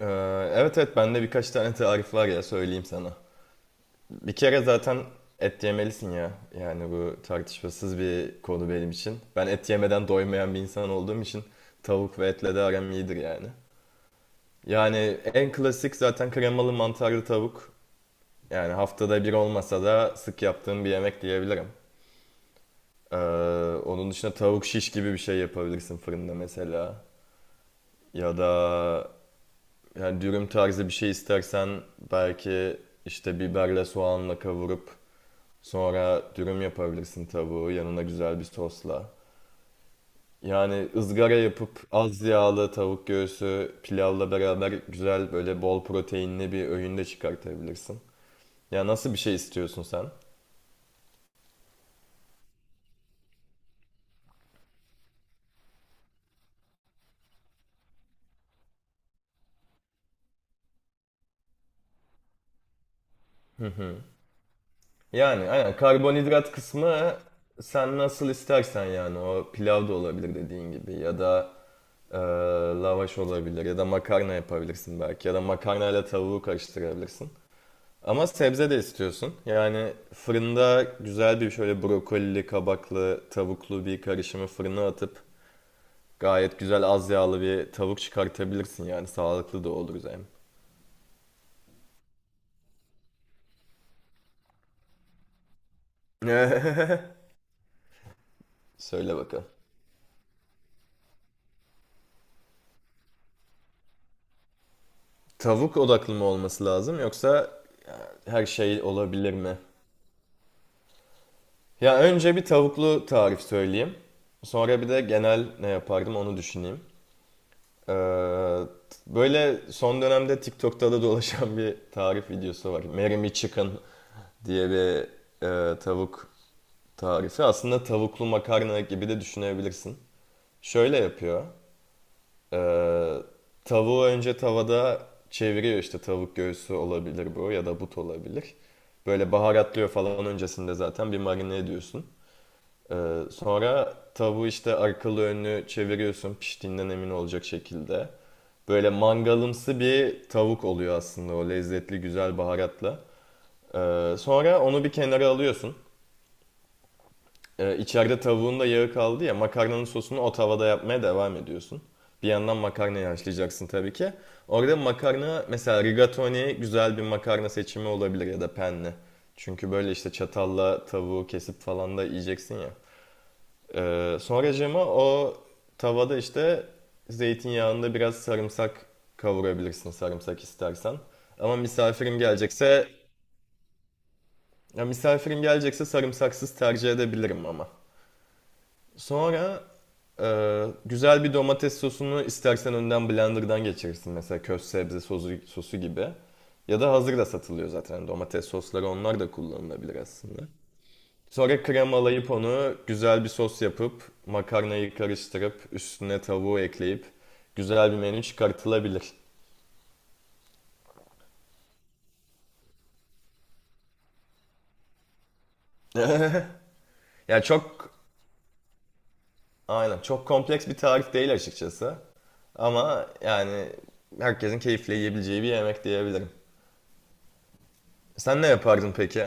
Ee, evet evet, bende birkaç tane tarif var ya, söyleyeyim sana. Bir kere zaten et yemelisin ya. Yani bu tartışmasız bir konu benim için. Ben et yemeden doymayan bir insan olduğum için tavuk ve etle de aram iyidir yani. Yani en klasik zaten kremalı mantarlı tavuk. Yani haftada bir olmasa da sık yaptığım bir yemek diyebilirim. Ee, Onun dışında tavuk şiş gibi bir şey yapabilirsin fırında mesela. Ya da yani dürüm tarzı bir şey istersen belki işte biberle soğanla kavurup sonra dürüm yapabilirsin tavuğu yanına güzel bir sosla. Yani ızgara yapıp az yağlı tavuk göğsü pilavla beraber güzel böyle bol proteinli bir öğün de çıkartabilirsin. Ya nasıl bir şey istiyorsun sen? Yani aynen karbonhidrat kısmı sen nasıl istersen yani o pilav da olabilir dediğin gibi ya da e, lavaş olabilir ya da makarna yapabilirsin belki ya da makarnayla tavuğu karıştırabilirsin. Ama sebze de istiyorsun. Yani fırında güzel bir şöyle brokolili, kabaklı, tavuklu bir karışımı fırına atıp gayet güzel az yağlı bir tavuk çıkartabilirsin yani sağlıklı da olur hem. Söyle bakalım. Tavuk odaklı mı olması lazım yoksa e, her şey olabilir mi? Ya önce bir tavuklu tarif söyleyeyim. Sonra bir de genel ne yapardım onu düşüneyim. Ee, Böyle son dönemde TikTok'ta da dolaşan bir tarif videosu var. Marry Me Chicken diye bir tavuk tarifi. Aslında tavuklu makarna gibi de düşünebilirsin. Şöyle yapıyor. Ee, Tavuğu önce tavada çeviriyor, işte tavuk göğsü olabilir bu ya da but olabilir. Böyle baharatlıyor falan, öncesinde zaten bir marine ediyorsun. Sonra tavuğu işte arkalı önlü çeviriyorsun piştiğinden emin olacak şekilde. Böyle mangalımsı bir tavuk oluyor aslında o lezzetli güzel baharatla. Sonra onu bir kenara alıyorsun. İçeride tavuğun da yağı kaldı ya, makarnanın sosunu o tavada yapmaya devam ediyorsun. Bir yandan makarnayı haşlayacaksın tabii ki. Orada makarna mesela rigatoni güzel bir makarna seçimi olabilir ya da penne. Çünkü böyle işte çatalla tavuğu kesip falan da yiyeceksin ya. Sonra Cema o tavada işte zeytinyağında biraz sarımsak kavurabilirsin, sarımsak istersen. Ama misafirim gelecekse, ya misafirim gelecekse sarımsaksız tercih edebilirim ama. Sonra güzel bir domates sosunu istersen önden blenderdan geçirirsin, mesela köz sebze sosu gibi. Ya da hazır da satılıyor zaten domates sosları, onlar da kullanılabilir aslında. Sonra kremalayıp onu güzel bir sos yapıp makarnayı karıştırıp üstüne tavuğu ekleyip güzel bir menü çıkartılabilir. Yani çok, aynen çok kompleks bir tarif değil açıkçası. Ama yani herkesin keyifle yiyebileceği bir yemek diyebilirim. Sen ne yapardın peki?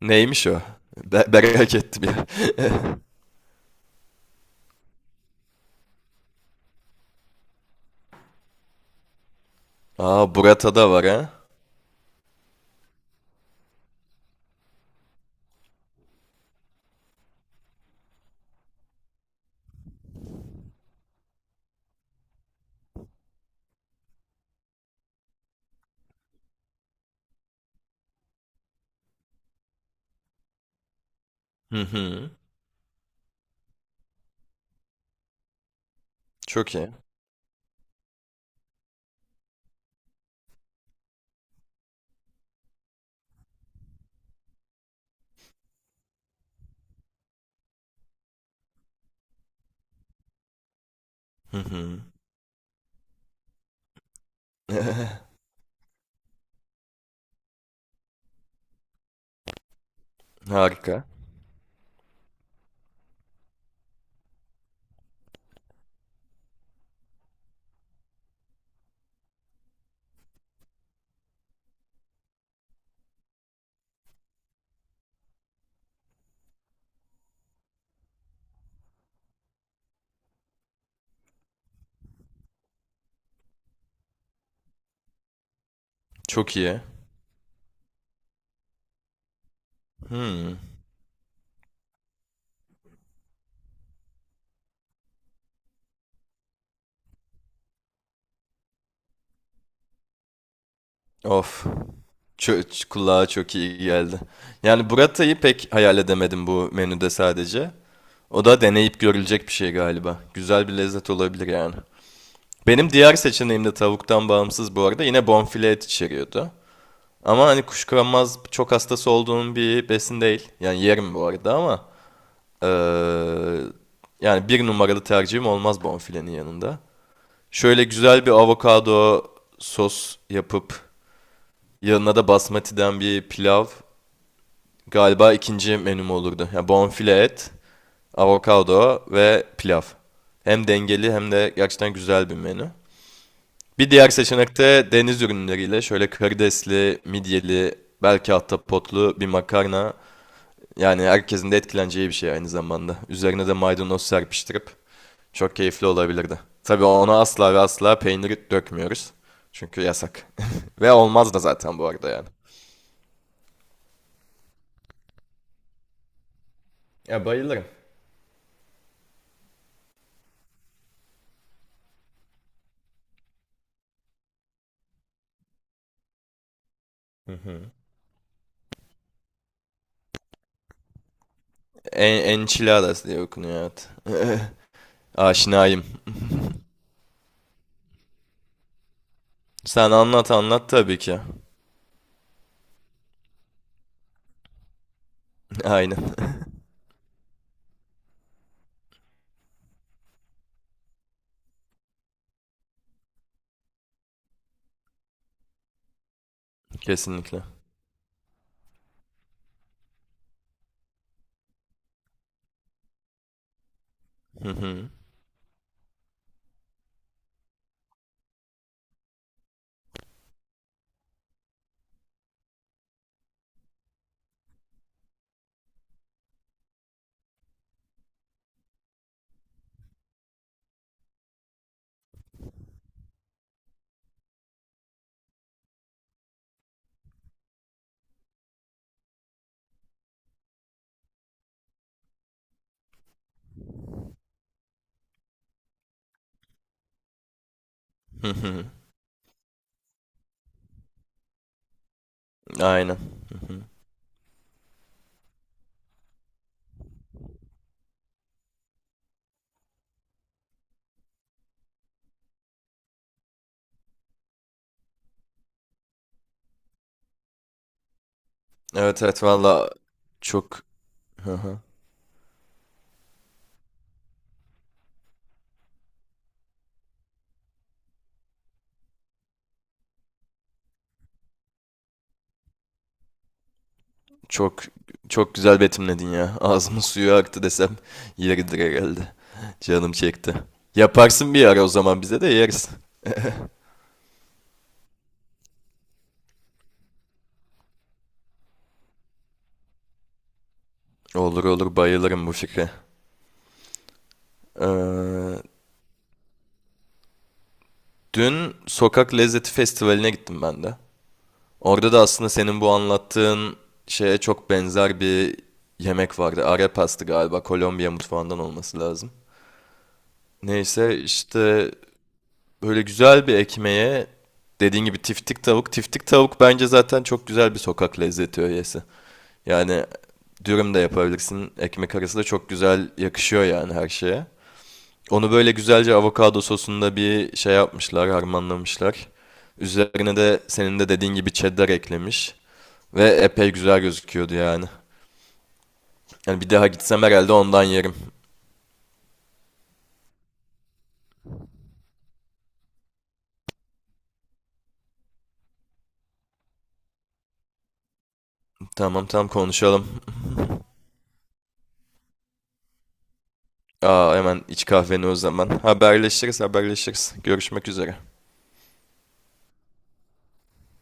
Neymiş o? Be merak ettim ya. Aa, Burata da var ha. Hı hı. Çok iyi. Hı hı. Harika. Çok iyi. Hmm. Of. Kulağa çok iyi geldi. Yani Burata'yı pek hayal edemedim bu menüde sadece. O da deneyip görülecek bir şey galiba. Güzel bir lezzet olabilir yani. Benim diğer seçeneğim de tavuktan bağımsız bu arada yine bonfile et içeriyordu. Ama hani kuşkulanmaz çok hastası olduğum bir besin değil. Yani yerim bu arada ama eee, yani bir numaralı tercihim olmaz bonfilenin yanında. Şöyle güzel bir avokado sos yapıp yanına da basmati'den bir pilav, galiba ikinci menüm olurdu. Yani bonfile et, avokado ve pilav. Hem dengeli hem de gerçekten güzel bir menü. Bir diğer seçenek de deniz ürünleriyle şöyle karidesli, midyeli, belki hatta potlu bir makarna. Yani herkesin de etkileneceği bir şey aynı zamanda. Üzerine de maydanoz serpiştirip çok keyifli olabilirdi. Tabii ona asla ve asla peyniri dökmüyoruz. Çünkü yasak. Ve olmaz da zaten bu arada yani. Ya bayılırım. Enchiladas diye okunuyor, evet. Aşinayım. Sen anlat anlat tabii ki. Aynen. Kesinlikle. Hı hı. Hı hı. Aynen. Hı hı. Evet evet, valla çok... Hı hı. Çok çok güzel betimledin ya. Ağzımın suyu aktı desem yeridir herhalde. Canım çekti. Yaparsın bir ara o zaman, bize de yeriz. Olur olur, bayılırım bu fikre. Ee, Dün Sokak Lezzeti Festivali'ne gittim ben de. Orada da aslında senin bu anlattığın şeye çok benzer bir yemek vardı. Arepas pastı galiba. Kolombiya mutfağından olması lazım. Neyse işte, böyle güzel bir ekmeğe dediğin gibi tiftik tavuk. Tiftik tavuk bence zaten çok güzel bir sokak lezzeti öğesi. Yani dürüm de yapabilirsin. Ekmek arası da çok güzel yakışıyor yani her şeye. Onu böyle güzelce avokado sosunda bir şey yapmışlar, harmanlamışlar. Üzerine de senin de dediğin gibi cheddar eklemiş. Ve epey güzel gözüküyordu yani. Yani bir daha gitsem herhalde ondan yerim. Tamam tamam, konuşalım. Aa, hemen iç kahveni o zaman. Haberleşiriz haberleşiriz. Görüşmek üzere.